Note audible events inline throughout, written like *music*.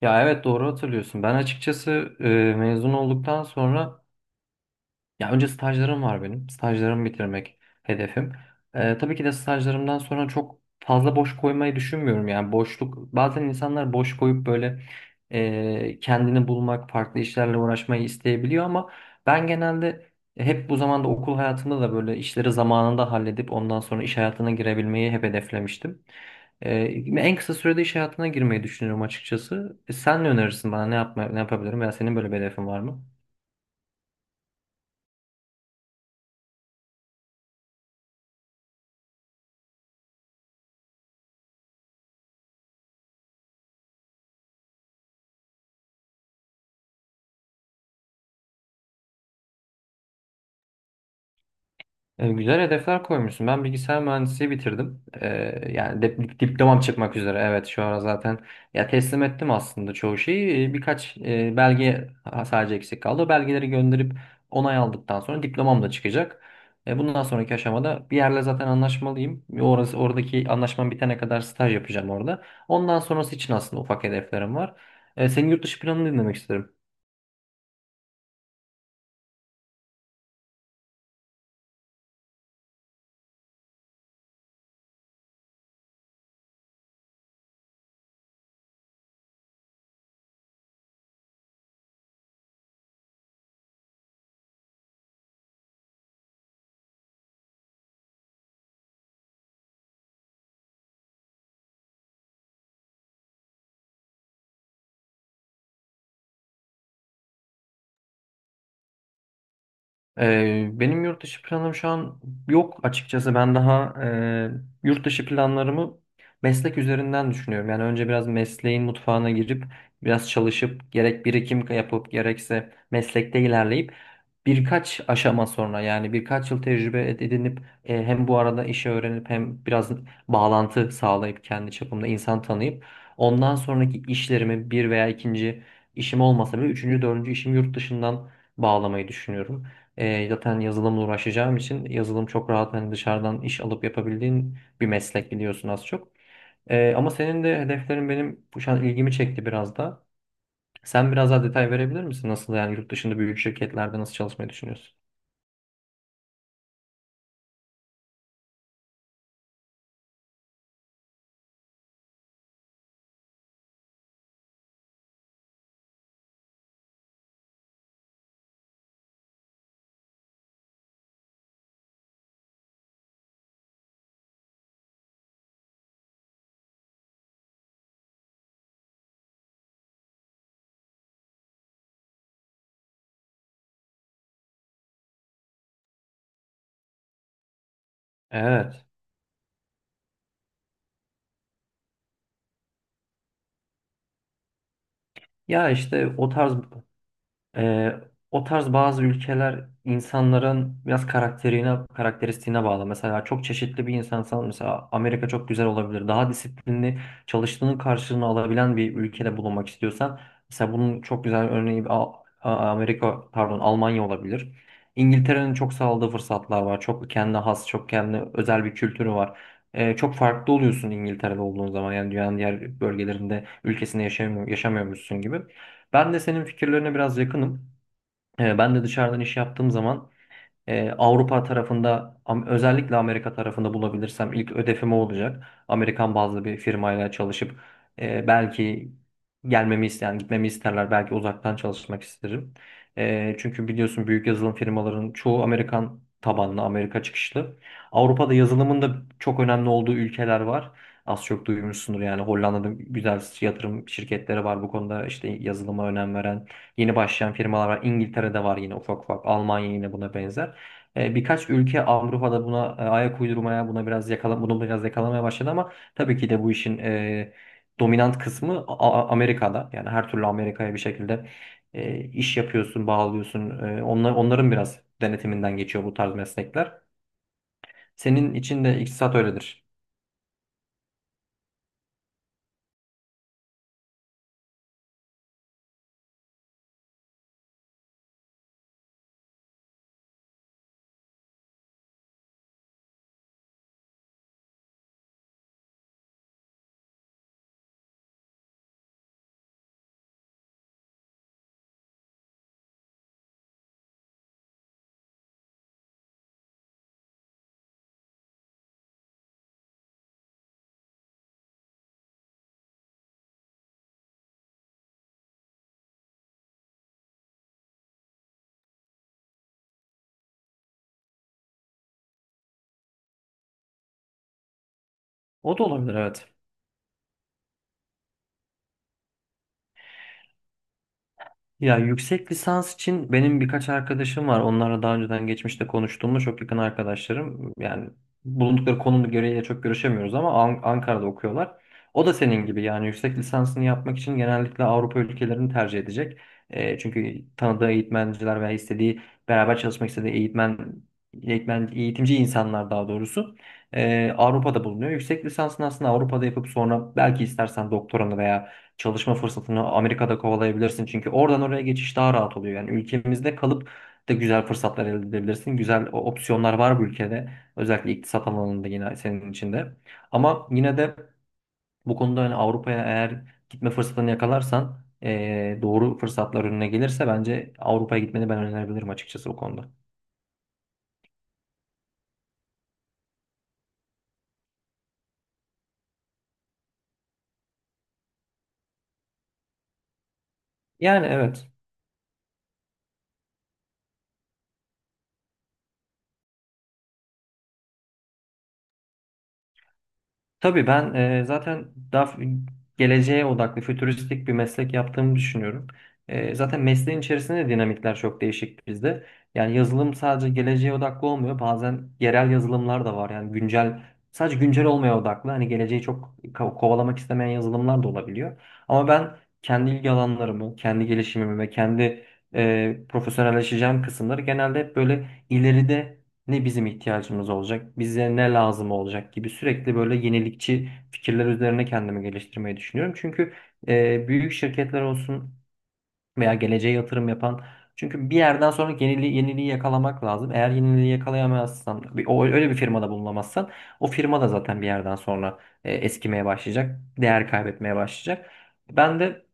Ya evet doğru hatırlıyorsun. Ben açıkçası e, mezun olduktan sonra ya önce stajlarım var benim. Stajlarımı bitirmek hedefim. Tabii ki de stajlarımdan sonra çok fazla boş koymayı düşünmüyorum. Yani boşluk bazen insanlar boş koyup böyle kendini bulmak, farklı işlerle uğraşmayı isteyebiliyor ama ben genelde hep bu zamanda okul hayatımda da böyle işleri zamanında halledip ondan sonra iş hayatına girebilmeyi hep hedeflemiştim. Ee, en kısa sürede iş hayatına girmeyi düşünüyorum açıkçası. Sen ne önerirsin bana, ne yapabilirim veya senin böyle bir hedefin var mı? Güzel hedefler koymuşsun. Ben bilgisayar mühendisliği bitirdim. Yani diplomam çıkmak üzere. Evet şu ara zaten ya teslim ettim aslında çoğu şeyi. Birkaç belge sadece eksik kaldı. O belgeleri gönderip onay aldıktan sonra diplomam da çıkacak. Bundan sonraki aşamada bir yerle zaten anlaşmalıyım. Oradaki anlaşmam bitene kadar staj yapacağım orada. Ondan sonrası için aslında ufak hedeflerim var. Senin yurt dışı planını dinlemek isterim. Benim yurt dışı planım şu an yok açıkçası. Ben daha yurt dışı planlarımı meslek üzerinden düşünüyorum. Yani önce biraz mesleğin mutfağına girip biraz çalışıp gerek birikim yapıp gerekse meslekte ilerleyip birkaç aşama sonra yani birkaç yıl tecrübe edinip, hem bu arada işi öğrenip hem biraz bağlantı sağlayıp kendi çapımda insan tanıyıp ondan sonraki işlerimi bir veya ikinci işim olmasa bile üçüncü dördüncü işim yurt dışından bağlamayı düşünüyorum. Zaten yazılımla uğraşacağım için yazılım çok rahat, hani dışarıdan iş alıp yapabildiğin bir meslek, biliyorsun az çok. Ama senin de hedeflerin benim bu şu an ilgimi çekti biraz da. Sen biraz daha detay verebilir misin? Nasıl yani yurt dışında büyük şirketlerde nasıl çalışmayı düşünüyorsun? Evet. Ya işte o tarz Ee, o tarz bazı ülkeler insanların biraz karakterine, karakteristiğine bağlı. Mesela çok çeşitli bir insansan mesela Amerika çok güzel olabilir. Daha disiplinli çalıştığının karşılığını alabilen bir ülkede bulunmak istiyorsan mesela bunun çok güzel örneği Amerika, pardon, Almanya olabilir. İngiltere'nin çok sağladığı fırsatlar var. Çok kendine has, çok kendine özel bir kültürü var. Çok farklı oluyorsun İngiltere'de olduğun zaman, yani dünyanın diğer bölgelerinde, ülkesinde yaşamıyor, yaşamıyormuşsun gibi. Ben de senin fikirlerine biraz yakınım. Ben de dışarıdan iş yaptığım zaman Avrupa tarafında, özellikle Amerika tarafında bulabilirsem ilk ödefim o olacak. Amerikan bazlı bir firmayla çalışıp, belki gelmemi isteyen, yani gitmemi isterler. Belki uzaktan çalışmak isterim. Çünkü biliyorsun büyük yazılım firmaların çoğu Amerikan tabanlı, Amerika çıkışlı. Avrupa'da yazılımın da çok önemli olduğu ülkeler var. Az çok duymuşsundur, yani Hollanda'da güzel yatırım şirketleri var bu konuda, işte yazılıma önem veren yeni başlayan firmalar var. İngiltere'de var yine ufak ufak. Almanya yine buna benzer. Birkaç ülke Avrupa'da buna ayak uydurmaya, bunu biraz yakalamaya başladı ama tabii ki de bu işin dominant kısmı Amerika'da. Yani her türlü Amerika'ya bir şekilde iş yapıyorsun, bağlıyorsun. Onların biraz denetiminden geçiyor bu tarz meslekler. Senin için de iktisat öyledir. O da olabilir, evet. Ya yüksek lisans için benim birkaç arkadaşım var. Onlarla daha önceden geçmişte konuştuğumda, çok yakın arkadaşlarım. Yani bulundukları konum gereğiyle çok görüşemiyoruz ama Ankara'da okuyorlar. O da senin gibi yani yüksek lisansını yapmak için genellikle Avrupa ülkelerini tercih edecek. Çünkü tanıdığı eğitmenciler veya istediği, beraber çalışmak istediği eğitmen, eğitmen eğitimci insanlar daha doğrusu Avrupa'da bulunuyor. Yüksek lisansını aslında Avrupa'da yapıp sonra belki istersen doktoranı veya çalışma fırsatını Amerika'da kovalayabilirsin. Çünkü oradan oraya geçiş daha rahat oluyor. Yani ülkemizde kalıp da güzel fırsatlar elde edebilirsin. Güzel opsiyonlar var bu ülkede. Özellikle iktisat alanında yine senin içinde. Ama yine de bu konuda, hani Avrupa'ya eğer gitme fırsatını yakalarsan, doğru fırsatlar önüne gelirse bence Avrupa'ya gitmeni ben önerebilirim açıkçası bu konuda. Yani evet. Tabii ben zaten daha geleceğe odaklı, fütüristik bir meslek yaptığımı düşünüyorum. Zaten mesleğin içerisinde de dinamikler çok değişik bizde. Yani yazılım sadece geleceğe odaklı olmuyor. Bazen yerel yazılımlar da var. Yani güncel, sadece güncel olmaya odaklı. Hani geleceği çok kovalamak istemeyen yazılımlar da olabiliyor. Ama ben kendi ilgi alanlarımı, kendi gelişimimi ve kendi profesyonelleşeceğim kısımları genelde hep böyle ileride ne bizim ihtiyacımız olacak, bize ne lazım olacak gibi sürekli böyle yenilikçi fikirler üzerine kendimi geliştirmeyi düşünüyorum. Çünkü büyük şirketler olsun veya geleceğe yatırım yapan, çünkü bir yerden sonra yeniliği yakalamak lazım. Eğer yeniliği yakalayamazsan, o öyle bir firmada bulunamazsan, o firma da zaten bir yerden sonra eskimeye başlayacak, değer kaybetmeye başlayacak. Ben de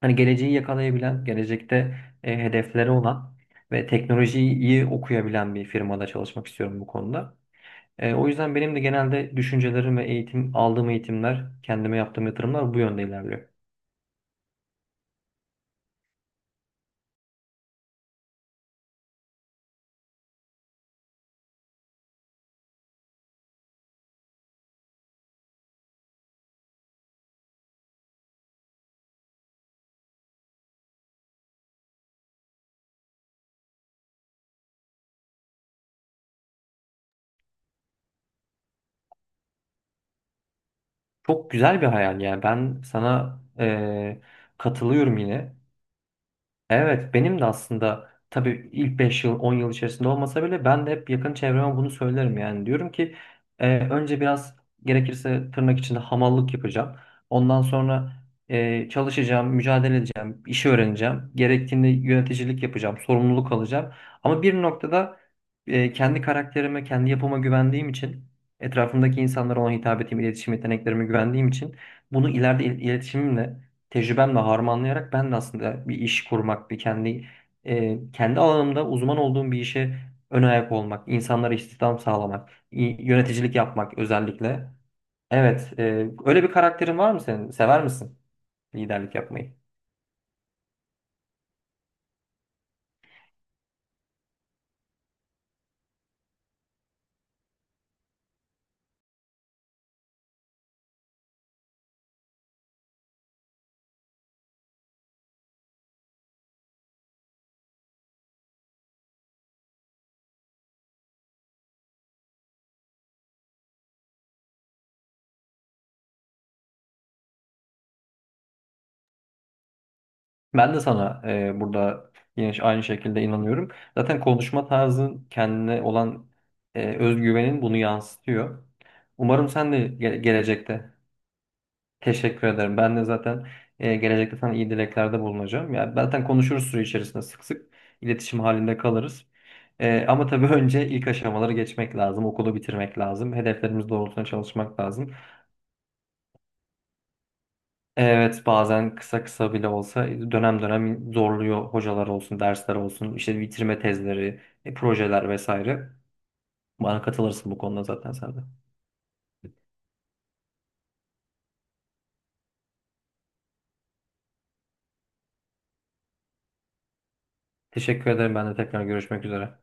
hani geleceği yakalayabilen, gelecekte hedefleri olan ve teknolojiyi iyi okuyabilen bir firmada çalışmak istiyorum bu konuda. O yüzden benim de genelde düşüncelerim ve eğitim aldığım eğitimler, kendime yaptığım yatırımlar bu yönde ilerliyor. Çok güzel bir hayal yani. Ben sana katılıyorum yine. Evet, benim de aslında tabii ilk 5 yıl 10 yıl içerisinde olmasa bile ben de hep yakın çevreme bunu söylerim yani. Diyorum ki önce biraz gerekirse tırnak içinde hamallık yapacağım. Ondan sonra çalışacağım, mücadele edeceğim, işi öğreneceğim. Gerektiğinde yöneticilik yapacağım, sorumluluk alacağım. Ama bir noktada kendi karakterime, kendi yapıma güvendiğim için, etrafımdaki insanlara olan hitabetimi, iletişim yeteneklerime güvendiğim için bunu ileride iletişimimle, tecrübemle harmanlayarak ben de aslında bir iş kurmak, kendi alanımda uzman olduğum bir işe ön ayak olmak, insanlara istihdam sağlamak, yöneticilik yapmak özellikle. Evet, öyle bir karakterin var mı senin? Sever misin liderlik yapmayı? Ben de sana burada yine aynı şekilde inanıyorum. Zaten konuşma tarzın, kendine olan özgüvenin bunu yansıtıyor. Umarım sen de gelecekte. Teşekkür ederim. Ben de zaten gelecekte sana iyi dileklerde bulunacağım. Ya zaten konuşuruz süre içerisinde, sık sık iletişim halinde kalırız. Ama tabii *laughs* önce ilk aşamaları geçmek lazım, okulu bitirmek lazım, hedeflerimiz doğrultusunda çalışmak lazım. Evet, bazen kısa kısa bile olsa dönem dönem zorluyor, hocalar olsun, dersler olsun, işte bitirme tezleri, projeler vesaire. Bana katılırsın bu konuda zaten sen de. Teşekkür ederim. Ben de tekrar görüşmek üzere.